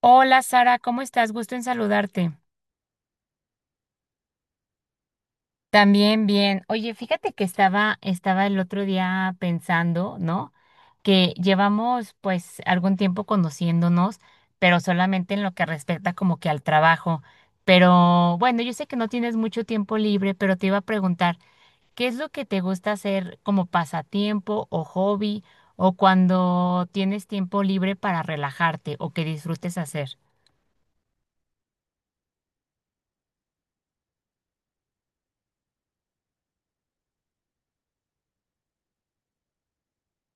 Hola Sara, ¿cómo estás? Gusto en saludarte. También bien. Oye, fíjate que estaba el otro día pensando, ¿no? Que llevamos pues algún tiempo conociéndonos, pero solamente en lo que respecta como que al trabajo. Pero bueno, yo sé que no tienes mucho tiempo libre, pero te iba a preguntar, ¿qué es lo que te gusta hacer como pasatiempo o hobby o cuando tienes tiempo libre para relajarte o que disfrutes hacer?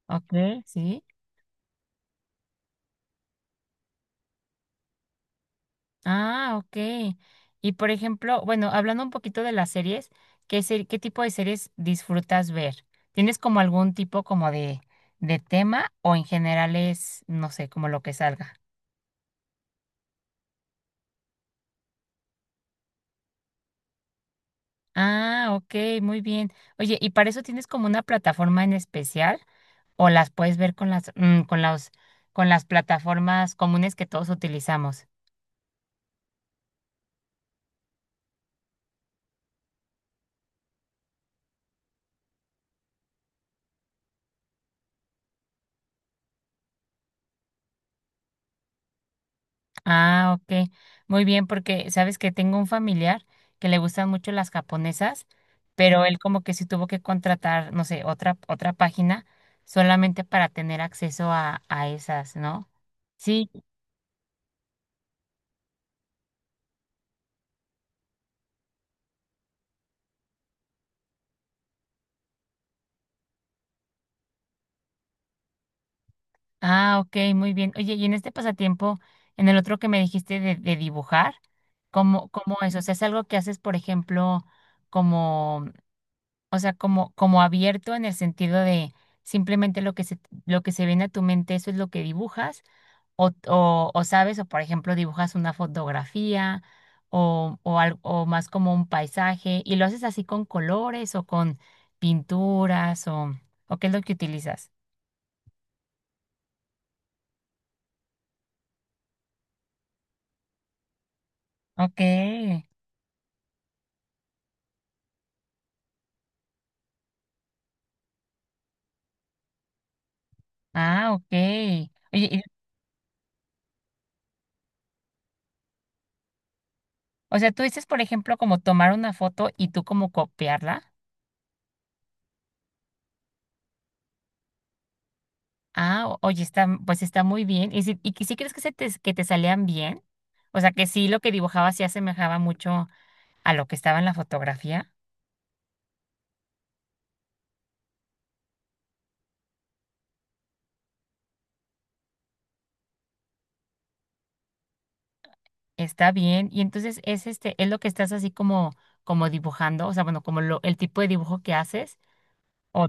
Ok, sí. Ah, ok. Y por ejemplo, bueno, hablando un poquito de las series, ¿ qué tipo de series disfrutas ver? ¿Tienes como algún tipo como de tema o en general es, no sé, como lo que salga? Ah, ok, muy bien. Oye, ¿y para eso tienes como una plataforma en especial o las puedes ver con las, mm, con las plataformas comunes que todos utilizamos? Ah, ok. Muy bien, porque sabes que tengo un familiar que le gustan mucho las japonesas, pero él como que sí tuvo que contratar, no sé, otra página solamente para tener acceso a esas, ¿no? Sí. Ah, ok, muy bien. Oye, y en este pasatiempo, en el otro que me dijiste de dibujar, ¿cómo es? O sea, es algo que haces, por ejemplo, como, o sea, como abierto en el sentido de simplemente lo que se viene a tu mente, eso es lo que dibujas. O sabes, o por ejemplo, dibujas una fotografía o más como un paisaje y lo haces así con colores o con pinturas o qué es lo que utilizas. Ok, ah, ok. Oye, o sea, tú dices, por ejemplo, como tomar una foto y tú como copiarla. Ah, oye, está, pues está muy bien. ¿Y si, y que sí crees que, se te, que te salían bien? O sea, que sí lo que dibujaba sí asemejaba mucho a lo que estaba en la fotografía. Está bien. Y entonces es este, es lo que estás así como, como dibujando, o sea, bueno, como lo, el tipo de dibujo que haces. O-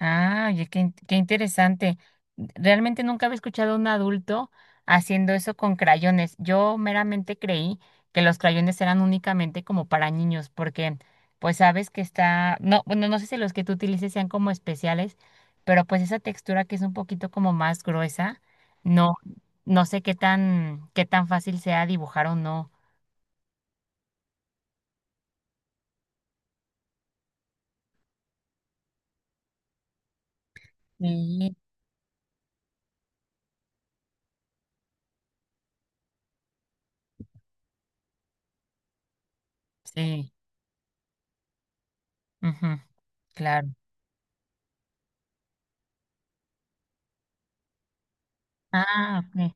ah, oye, qué interesante. Realmente nunca había escuchado a un adulto haciendo eso con crayones. Yo meramente creí que los crayones eran únicamente como para niños, porque pues sabes que está, no, bueno, no sé si los que tú utilices sean como especiales, pero pues esa textura que es un poquito como más gruesa, no, no sé qué tan fácil sea dibujar o no. Sí, sí, ujú, claro. Ah, ok.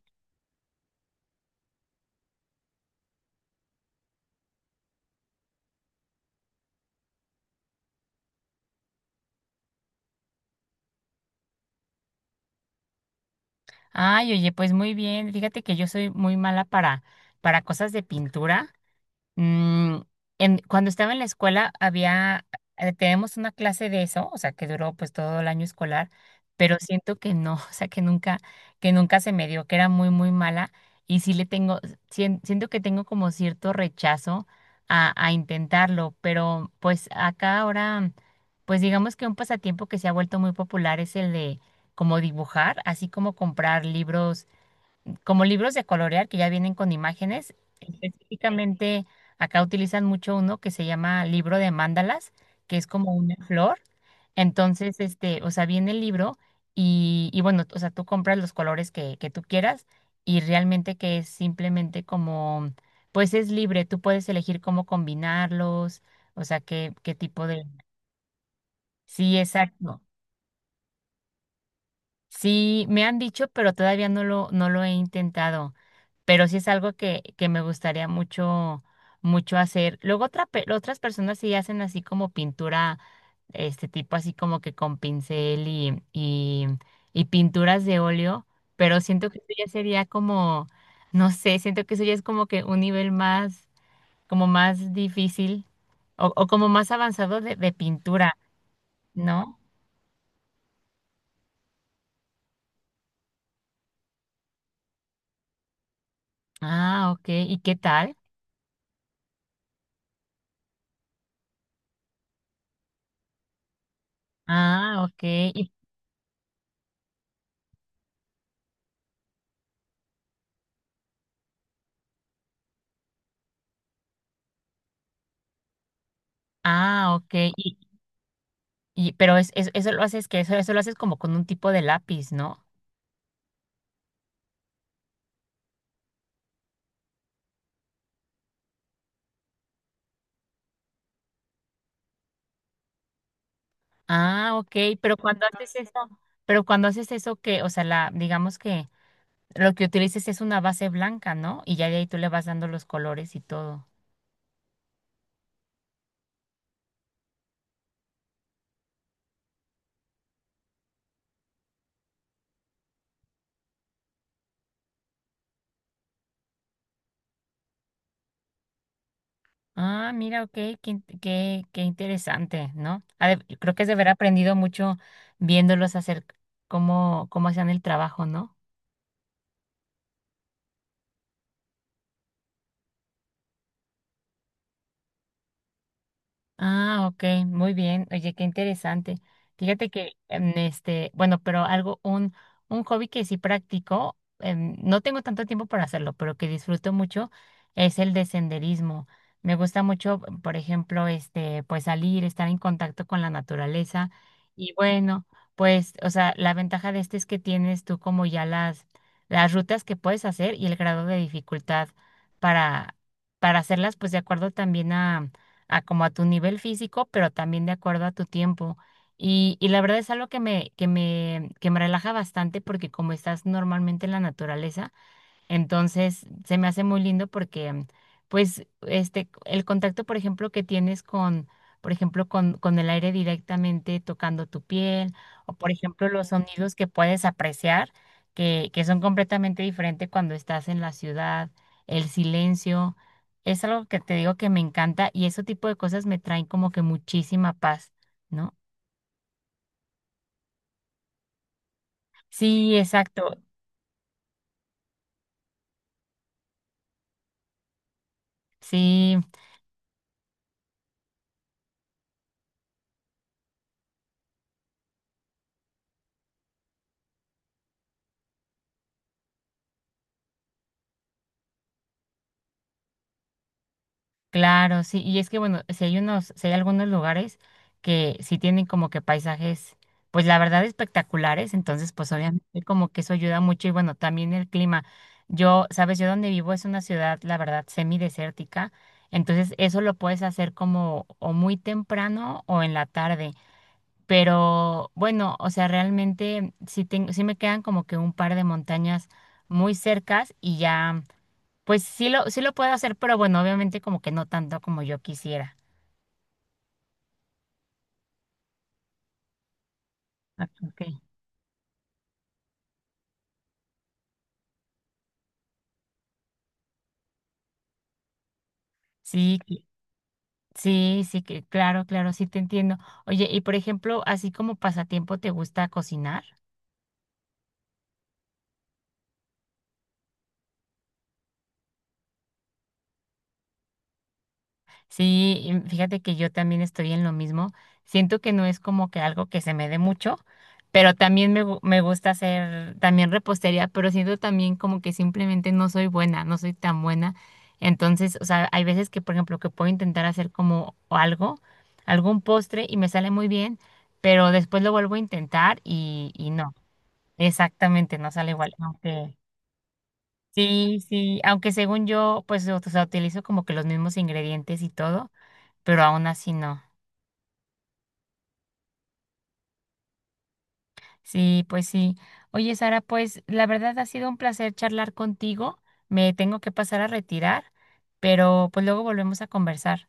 Ay, oye, pues muy bien. Fíjate que yo soy muy mala para cosas de pintura. Mm, cuando estaba en la escuela había, tenemos una clase de eso, o sea, que duró pues todo el año escolar, pero siento que no, o sea, que nunca se me dio, que era muy, muy mala y sí le tengo, siento que tengo como cierto rechazo a intentarlo, pero pues acá ahora, pues digamos que un pasatiempo que se ha vuelto muy popular es el de como dibujar, así como comprar libros como libros de colorear que ya vienen con imágenes. Específicamente acá utilizan mucho uno que se llama libro de mandalas, que es como una flor. Entonces, este, o sea, viene el libro y bueno, o sea, tú compras los colores que tú quieras y realmente que es simplemente como, pues es libre, tú puedes elegir cómo combinarlos, o sea, qué, qué tipo de... Sí, exacto. Sí, me han dicho, pero todavía no no lo he intentado. Pero sí es algo que me gustaría mucho, mucho hacer. Luego otra, otras personas sí hacen así como pintura, este tipo así como que con pincel y pinturas de óleo, pero siento que eso ya sería como, no sé, siento que eso ya es como que un nivel más, como más difícil o como más avanzado de pintura, ¿no? Ah, ok. ¿Y qué tal? Ah, ok. Ah, ok. Y, pero es, eso lo haces que eso lo haces como con un tipo de lápiz, ¿no? Ah, ok. Pero cuando haces eso, pero cuando haces eso que, o sea, la, digamos que lo que utilices es una base blanca, ¿no? Y ya de ahí tú le vas dando los colores y todo. Ah, mira, ok, qué, qué interesante, ¿no? Creo que es de haber aprendido mucho viéndolos hacer cómo, cómo hacían el trabajo, ¿no? Ah, ok, muy bien. Oye, qué interesante. Fíjate que, este, bueno, pero algo, un hobby que sí practico, no tengo tanto tiempo para hacerlo, pero que disfruto mucho es el de senderismo. Me gusta mucho, por ejemplo, este, pues salir, estar en contacto con la naturaleza. Y bueno, pues, o sea, la ventaja de este es que tienes tú como ya las rutas que puedes hacer y el grado de dificultad para, para hacerlas, pues de acuerdo también a como a tu nivel físico, pero también de acuerdo a tu tiempo. Y la verdad es algo que me, que me, que me relaja bastante porque como estás normalmente en la naturaleza, entonces, se me hace muy lindo porque, pues, este, el contacto, por ejemplo, que tienes con, por ejemplo, con el aire directamente tocando tu piel, o por ejemplo, los sonidos que puedes apreciar, que son completamente diferentes cuando estás en la ciudad, el silencio, es algo que te digo que me encanta y ese tipo de cosas me traen como que muchísima paz, ¿no? Sí, exacto. Sí. Claro, sí, y es que bueno, si hay unos, si hay algunos lugares que sí tienen como que paisajes, pues la verdad espectaculares, entonces pues obviamente como que eso ayuda mucho y bueno, también el clima. Yo, sabes, yo donde vivo es una ciudad, la verdad, semidesértica, entonces eso lo puedes hacer como o muy temprano o en la tarde, pero bueno, o sea, realmente sí, tengo, sí me quedan como que un par de montañas muy cercas y ya. Pues sí sí lo puedo hacer, pero bueno, obviamente como que no tanto como yo quisiera. Ah, ok. Sí, cl- sí, sí, que claro, claro, sí te entiendo. Oye, y por ejemplo, así como pasatiempo, ¿te gusta cocinar? Sí, y fíjate que yo también estoy en lo mismo. Siento que no es como que algo que se me dé mucho, pero también me gusta hacer también repostería, pero siento también como que simplemente no soy buena, no soy tan buena. Entonces, o sea, hay veces que, por ejemplo, que puedo intentar hacer como algo, algún postre y me sale muy bien, pero después lo vuelvo a intentar y no, exactamente, no sale igual. Aunque, sí, sí, aunque según yo, pues, o sea, utilizo como que los mismos ingredientes y todo pero aún así no. Sí, pues sí. Oye, Sara, pues la verdad ha sido un placer charlar contigo. Me tengo que pasar a retirar, pero pues luego volvemos a conversar.